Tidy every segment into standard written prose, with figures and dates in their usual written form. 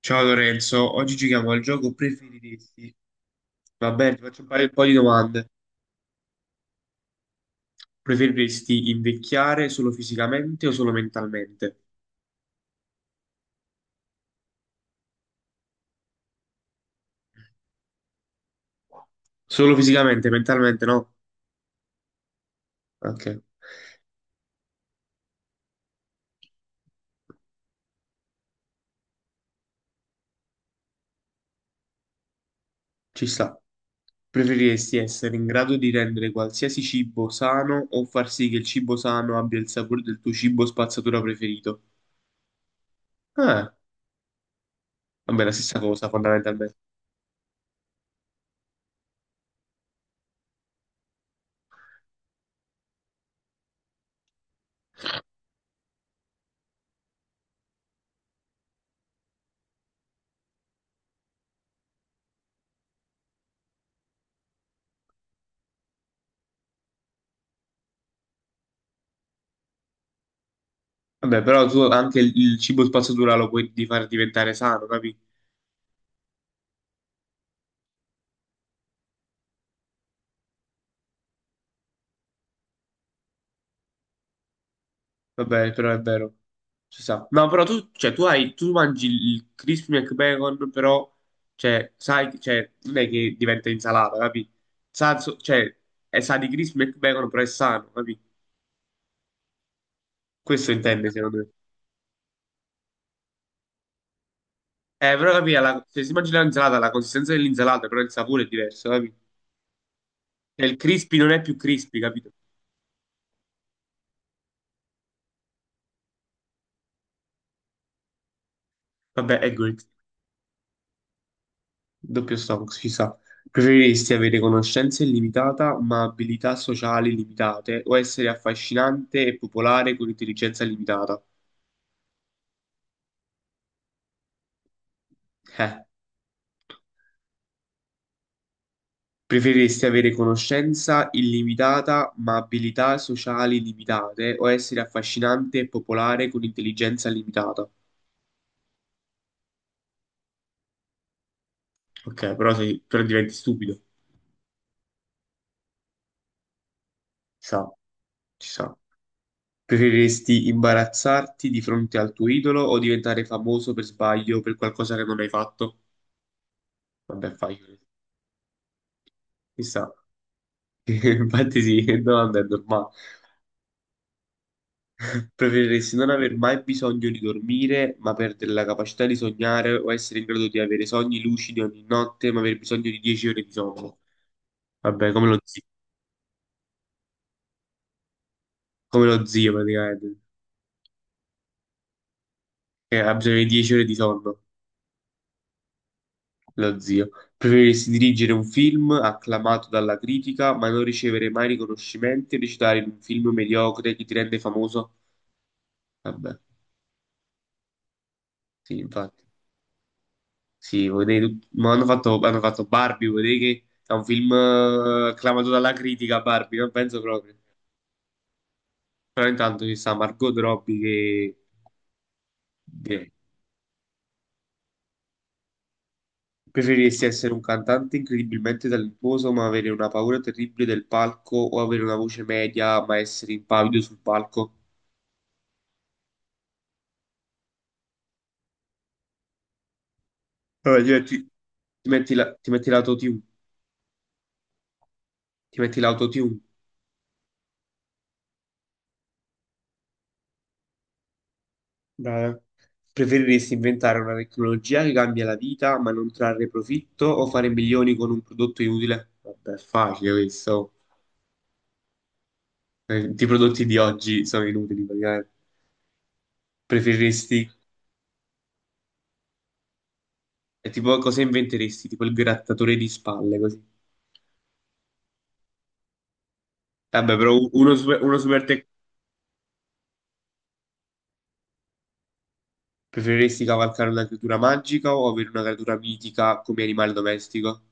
Ciao Lorenzo, oggi giochiamo al gioco preferiresti. Va bene, ti faccio fare un po' di domande. Preferiresti invecchiare solo fisicamente o solo mentalmente? Solo fisicamente, mentalmente no? Ok, ci sta. Preferiresti essere in grado di rendere qualsiasi cibo sano o far sì che il cibo sano abbia il sapore del tuo cibo spazzatura preferito? Ah, vabbè, la stessa cosa fondamentalmente. Vabbè, però tu anche il cibo spazzatura lo puoi di far diventare sano, capito? Vabbè, però è vero. Si sa. No, però tu, cioè, tu hai, tu mangi il crispy McBacon, però, cioè, sai, cioè, non è che diventa insalata, capi? Cioè, è sa di crispy McBacon, però è sano, capi? Questo intende, secondo me. Però, capi, se si mangia l'insalata, la consistenza dell'insalata, però il sapore è diverso, capi? Cioè, il crispy non è più crispy, capito? Vabbè, ecco, doppio Stonks, ci sta. Preferiresti avere conoscenza illimitata ma abilità sociali limitate o essere affascinante e popolare con intelligenza limitata? Eh. Preferiresti avere conoscenza illimitata ma abilità sociali limitate o essere affascinante e popolare con intelligenza limitata? Ok, però, sei, però diventi stupido. Ci sta, ci sta. Preferiresti imbarazzarti di fronte al tuo idolo o diventare famoso per sbaglio per qualcosa che non hai fatto? Vabbè, fai. Chissà, infatti sì, che domanda è normale. Preferiresti non aver mai bisogno di dormire, ma perdere la capacità di sognare o essere in grado di avere sogni lucidi ogni notte, ma aver bisogno di 10 ore di sonno? Vabbè, come lo zio praticamente, che ha bisogno di 10 ore di sonno, lo zio. Preferiresti dirigere un film acclamato dalla critica, ma non ricevere mai riconoscimenti e recitare in un film mediocre che ti rende famoso? Vabbè, sì, infatti. Sì, ma hanno fatto Barbie, vuol dire che è un film acclamato dalla critica, Barbie, non penso proprio. Però intanto ci sta Margot Robbie che preferiresti essere un cantante incredibilmente talentuoso ma avere una paura terribile del palco o avere una voce media ma essere impavido sul palco. Allora, ti metti, ti metti l'autotune, ti metti l'autotune. Beh, preferiresti inventare una tecnologia che cambia la vita ma non trarre profitto o fare milioni con un prodotto inutile? Vabbè, è facile questo. I prodotti di oggi sono inutili praticamente. Preferiresti, è tipo cosa inventeresti? Tipo il grattatore di spalle così. Vabbè, però uno super, preferiresti cavalcare una creatura magica o avere una creatura mitica come animale domestico?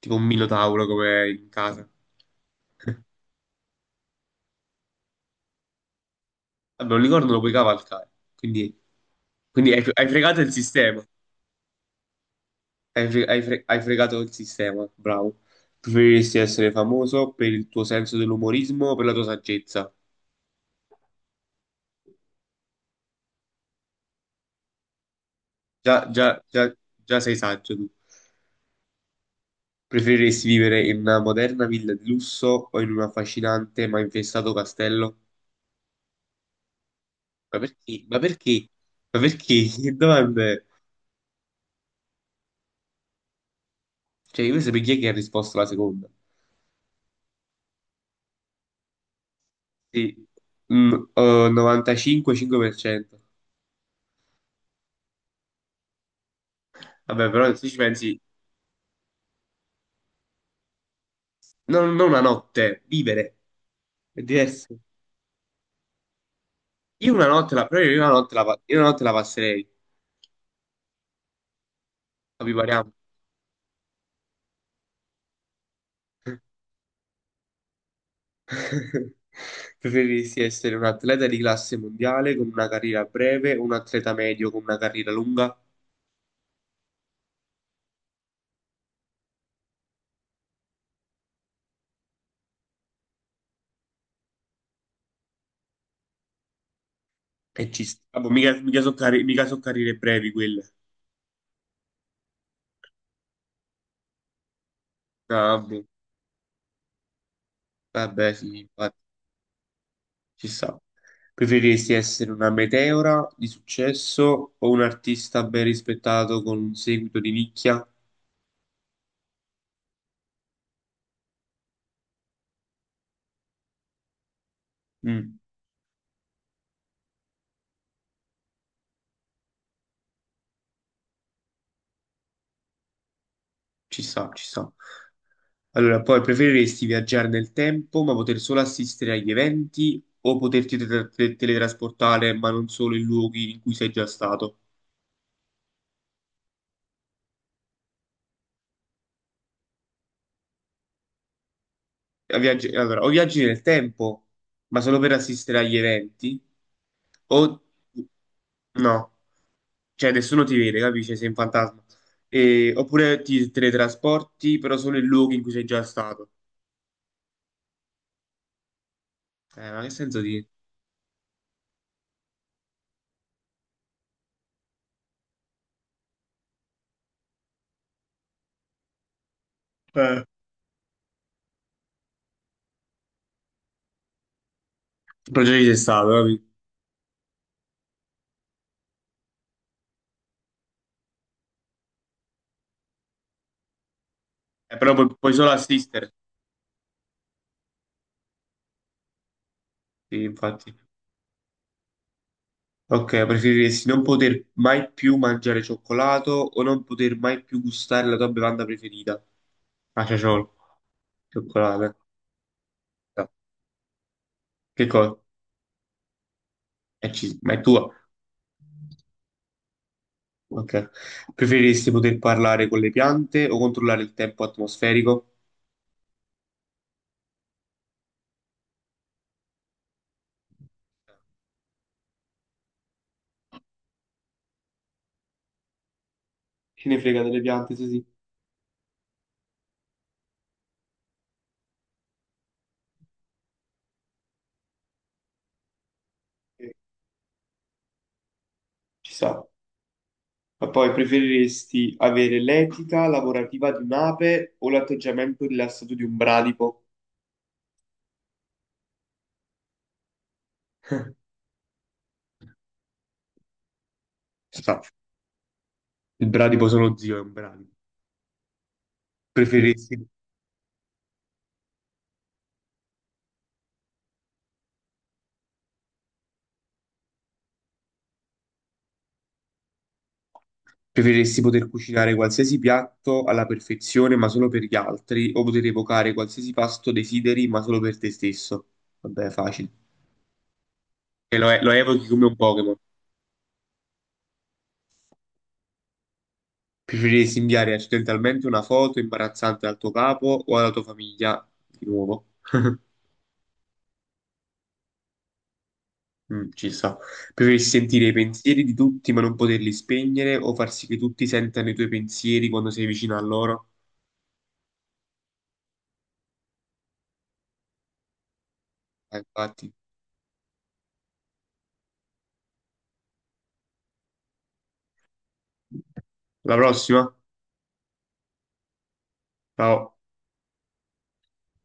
Tipo un minotauro come in casa. Vabbè, un unicorno lo puoi cavalcare, quindi, quindi hai, hai fregato il sistema. Hai, hai fregato il sistema, bravo. Preferiresti essere famoso per il tuo senso dell'umorismo o per la tua saggezza? Già, già, già, già sei saggio tu. Preferiresti vivere in una moderna villa di lusso o in un affascinante ma infestato castello? Ma perché? Ma perché? Ma perché? Che domande? Cioè, io voglio sapere chi è che ha risposto alla seconda. Sì. Mm, 95,5%. Vabbè, però se ci pensi, non, non una notte, vivere è diverso. Io una notte la, però io una notte la passerei, ma vi pariamo. Preferiresti essere un atleta di classe mondiale con una carriera breve o un atleta medio con una carriera lunga? E ci sta. Vabbè, mica, mica so carriere brevi quelle. Ah, vabbè, vabbè, sì, infatti, ci sta. Preferiresti essere una meteora di successo o un artista ben rispettato con un seguito di nicchia? Mm. Ci sta, ci sta. Allora, poi preferiresti viaggiare nel tempo ma poter solo assistere agli eventi o poterti teletrasportare ma non solo in luoghi in cui sei già stato? Allora, o viaggi nel tempo ma solo per assistere agli eventi o no, cioè nessuno ti vede, capisci? Sei un fantasma. Oppure ti teletrasporti però solo in luoghi in cui sei già stato. Ma che senso di... Eh. Però già ci sei stato, capisci? Però puoi solo assistere. Sì, infatti. Ok, preferiresti non poter mai più mangiare cioccolato o non poter mai più gustare la tua bevanda preferita? Ah, ciaciolo, cioccolato. No. Che cosa? Ma è tua. Ok. Preferiresti poter parlare con le piante o controllare il tempo atmosferico? Chi ne frega delle piante, sì, sì. Eh, ci sta. Ma poi preferiresti avere l'etica lavorativa di un'ape o l'atteggiamento rilassato di un bradipo? Sta. Il bradipo sono zio, è un bradipo. Mm. Preferiresti Preferiresti poter cucinare qualsiasi piatto alla perfezione, ma solo per gli altri, o poter evocare qualsiasi pasto desideri, ma solo per te stesso? Vabbè, facile. E lo evochi come un Pokémon. Preferiresti inviare accidentalmente una foto imbarazzante al tuo capo o alla tua famiglia? Di nuovo. Mm, ci sta. Preferiresti sentire i pensieri di tutti, ma non poterli spegnere, o far sì che tutti sentano i tuoi pensieri quando sei vicino a loro? Infatti. La prossima? Ciao.